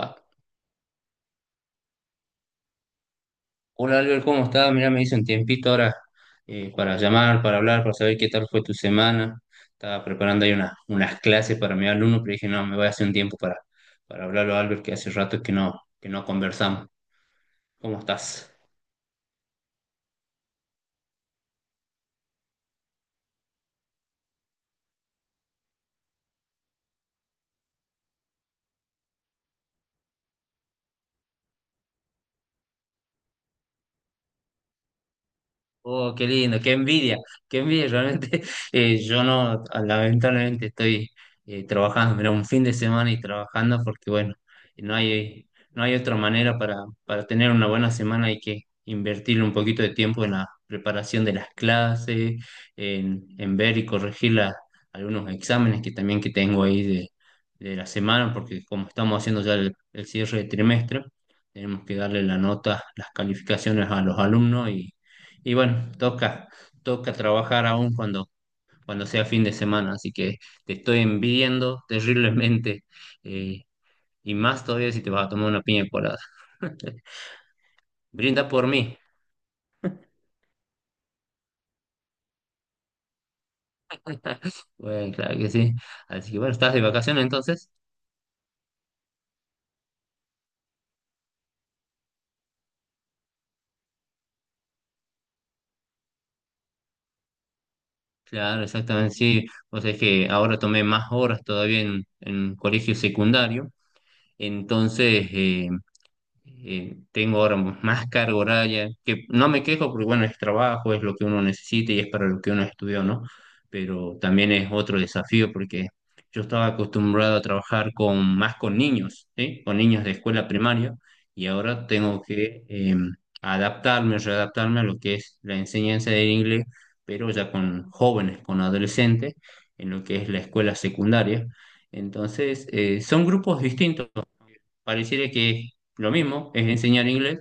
Va. Hola Albert, ¿cómo estás? Mira, me hice un tiempito ahora para llamar, para hablar, para saber qué tal fue tu semana. Estaba preparando ahí una- unas clases para mi alumno, pero dije, no, me voy a hacer un tiempo para hablarlo a Albert, que hace rato que no conversamos. ¿Cómo estás? Oh, qué lindo, qué envidia, qué envidia. Realmente yo no, lamentablemente estoy trabajando, mira, un fin de semana y trabajando porque bueno, no hay otra manera para tener una buena semana, hay que invertirle un poquito de tiempo en la preparación de las clases, en ver y corregir la- algunos exámenes que también que tengo ahí de la semana, porque como estamos haciendo ya el cierre de trimestre, tenemos que darle la nota, las calificaciones a los alumnos y bueno, toca, toca trabajar aún cuando, cuando sea fin de semana, así que te estoy envidiando terriblemente, eh, y más todavía si te vas a tomar una piña colada. Brinda por mí. Bueno, claro que sí. Así que bueno, ¿estás de vacaciones entonces? Claro, exactamente, sí. O sea, es que ahora tomé más horas todavía en colegio secundario, entonces... eh, tengo ahora más carga horaria, que no me quejo porque bueno, es trabajo, es lo que uno necesita y es para lo que uno estudió, ¿no? Pero también es otro desafío porque yo estaba acostumbrado a trabajar con más con niños, ¿sí? Con niños de escuela primaria y ahora tengo que adaptarme, readaptarme a lo que es la enseñanza del inglés, pero ya con jóvenes, con adolescentes, en lo que es la escuela secundaria. Entonces, son grupos distintos, pareciera que es lo mismo, es enseñar inglés,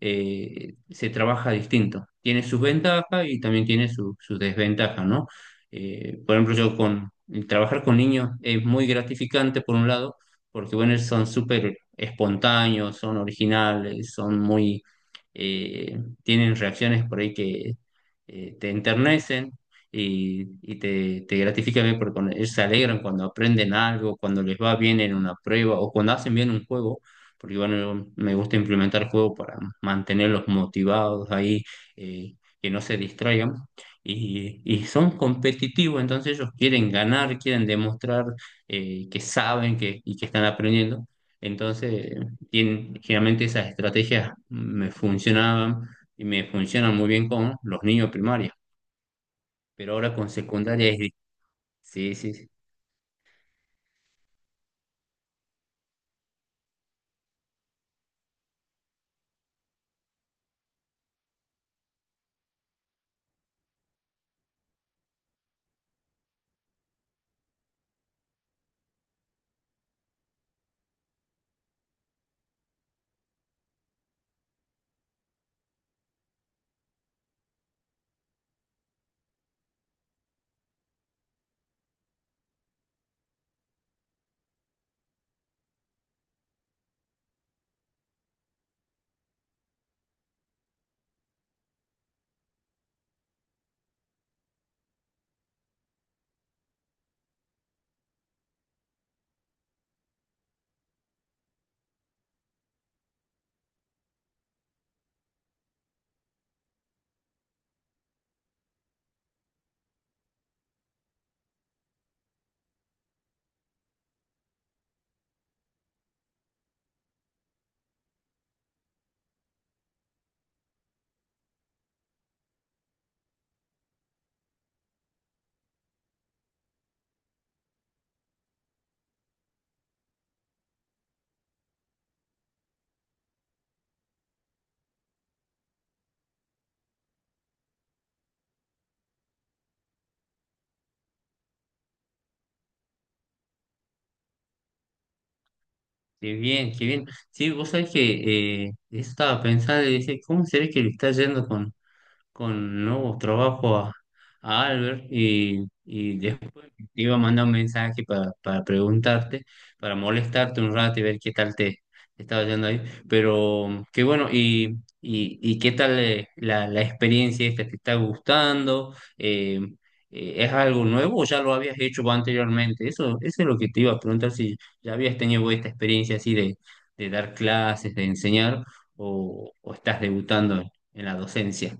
se trabaja distinto. Tiene sus ventajas y también tiene su- sus desventajas, ¿no? Por ejemplo, yo con el trabajar con niños es muy gratificante por un lado, porque bueno, son súper espontáneos, son originales, son muy, tienen reacciones por ahí que te enternecen y te gratifica ver porque cuando ellos se alegran cuando aprenden algo, cuando les va bien en una prueba o cuando hacen bien un juego, porque bueno, yo- me gusta implementar juegos para mantenerlos motivados ahí, eh, que no se distraigan. Y son competitivos, entonces ellos quieren ganar, quieren demostrar que saben que, y que están aprendiendo. Entonces, tienen- generalmente esas estrategias me funcionaban y me funcionan muy bien con los niños primarios. Pero ahora con secundaria es... di- Sí, sí, sí. Qué bien, qué bien. Sí, vos sabés que estaba pensando y dije, ¿cómo será que le está yendo con nuevos trabajos a Albert? Y, y después te iba a mandar un mensaje para preguntarte, para molestarte un rato y ver qué tal te, te estaba yendo ahí. Pero qué bueno, y qué tal la, la experiencia esta, ¿te está gustando? ¿Es algo nuevo o ya lo habías hecho vos anteriormente? Eso es lo que te iba a preguntar, si ya habías tenido vos esta experiencia así de dar clases, de enseñar, o estás debutando en la docencia.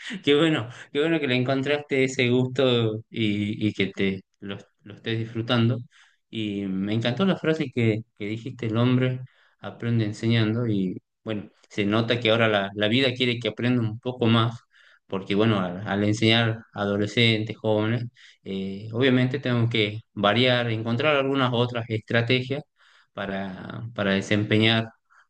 Qué bueno que le encontraste ese gusto y que te lo estés disfrutando. Y me encantó la frase que dijiste, el hombre aprende enseñando, y bueno, se nota que ahora la, la vida quiere que aprenda un poco más, porque bueno, al, al enseñar a adolescentes, jóvenes, obviamente tengo que variar, encontrar algunas otras estrategias para desempeñar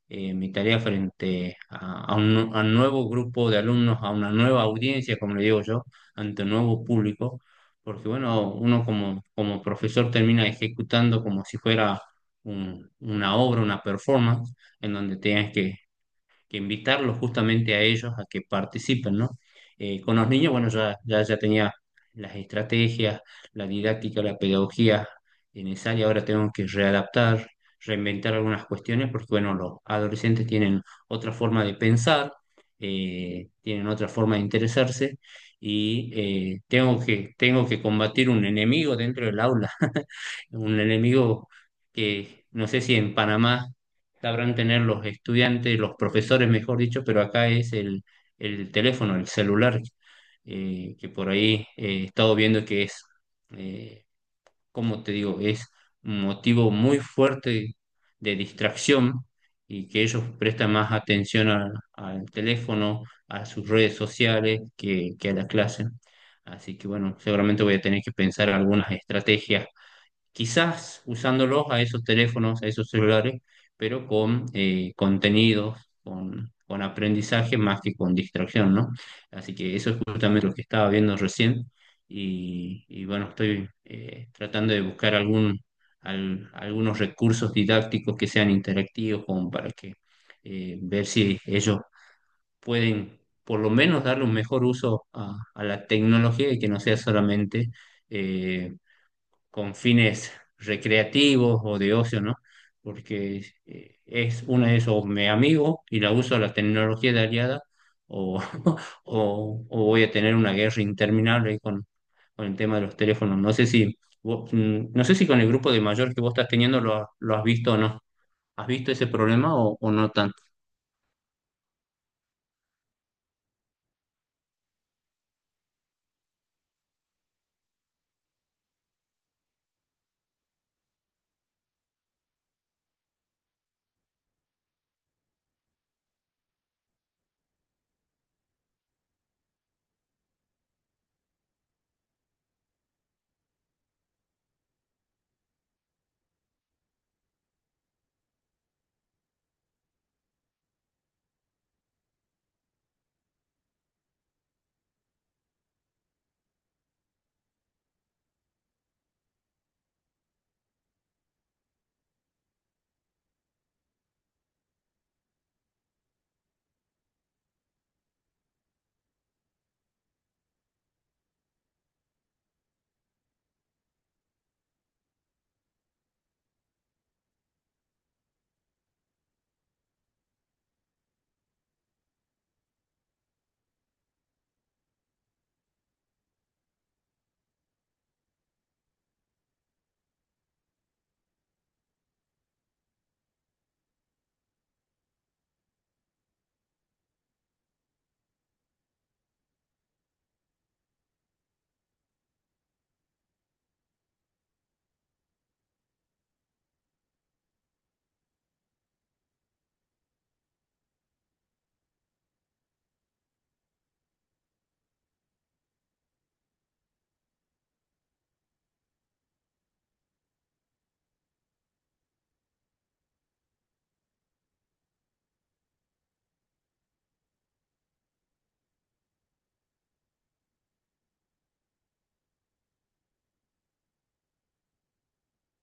mi tarea frente a un nuevo grupo de alumnos, a una nueva audiencia, como le digo yo, ante un nuevo público, porque bueno, uno como, como profesor termina ejecutando como si fuera un- una obra, una performance, en donde tienes que invitarlos justamente a ellos a que participen, ¿no? Con los niños, bueno, ya tenía las estrategias, la didáctica, la pedagogía necesaria, ahora tengo que readaptar, reinventar algunas cuestiones, porque bueno, los adolescentes tienen otra forma de pensar, tienen otra forma de interesarse y tengo que combatir un enemigo dentro del aula, un enemigo que no sé si en Panamá sabrán tener los estudiantes, los profesores, mejor dicho, pero acá es el teléfono, el celular, que por ahí he estado viendo que es, eh, como te digo, es un motivo muy fuerte de distracción y que ellos prestan más atención a- al teléfono, a sus redes sociales que a la clase. Así que bueno, seguramente voy a tener que pensar algunas estrategias quizás usándolos a esos teléfonos, a esos celulares, pero con contenidos, con aprendizaje más que con distracción, ¿no? Así que eso es justamente lo que estaba viendo recién, y bueno, estoy tratando de buscar algún, al- algunos recursos didácticos que sean interactivos como para que ver si ellos pueden por lo menos darle un mejor uso a la tecnología y que no sea solamente... eh, con fines recreativos o de ocio, ¿no? Porque es una de esos, me amigo y la uso a la tecnología de aliada o, o voy a tener una guerra interminable ahí con el tema de los teléfonos. No sé si, vos- no sé si con el grupo de mayor que vos estás teniendo lo, ha- lo has visto o no. ¿Has visto ese problema o no tanto?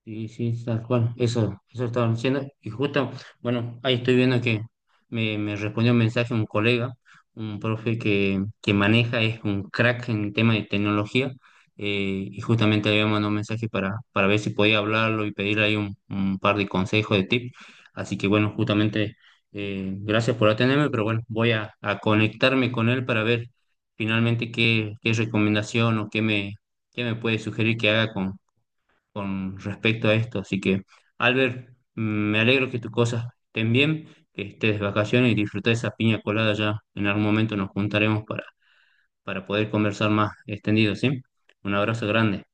Sí, sí, tal cual, eso estaba diciendo. Y justo, bueno, ahí estoy viendo que me respondió un mensaje un colega, un profe que maneja, es un crack en tema de tecnología, y justamente le había mandado un mensaje para ver si podía hablarlo y pedirle ahí un par de consejos, de tips. Así que bueno, justamente, gracias por atenderme, pero bueno, voy a conectarme con él para ver finalmente qué, qué recomendación o qué me puede sugerir que haga con respecto a esto. Así que, Albert, mm, me alegro que tus cosas estén bien, que estés de vacaciones y disfruta esa piña colada ya. En algún momento nos juntaremos para poder conversar más extendido, ¿sí? Un abrazo grande.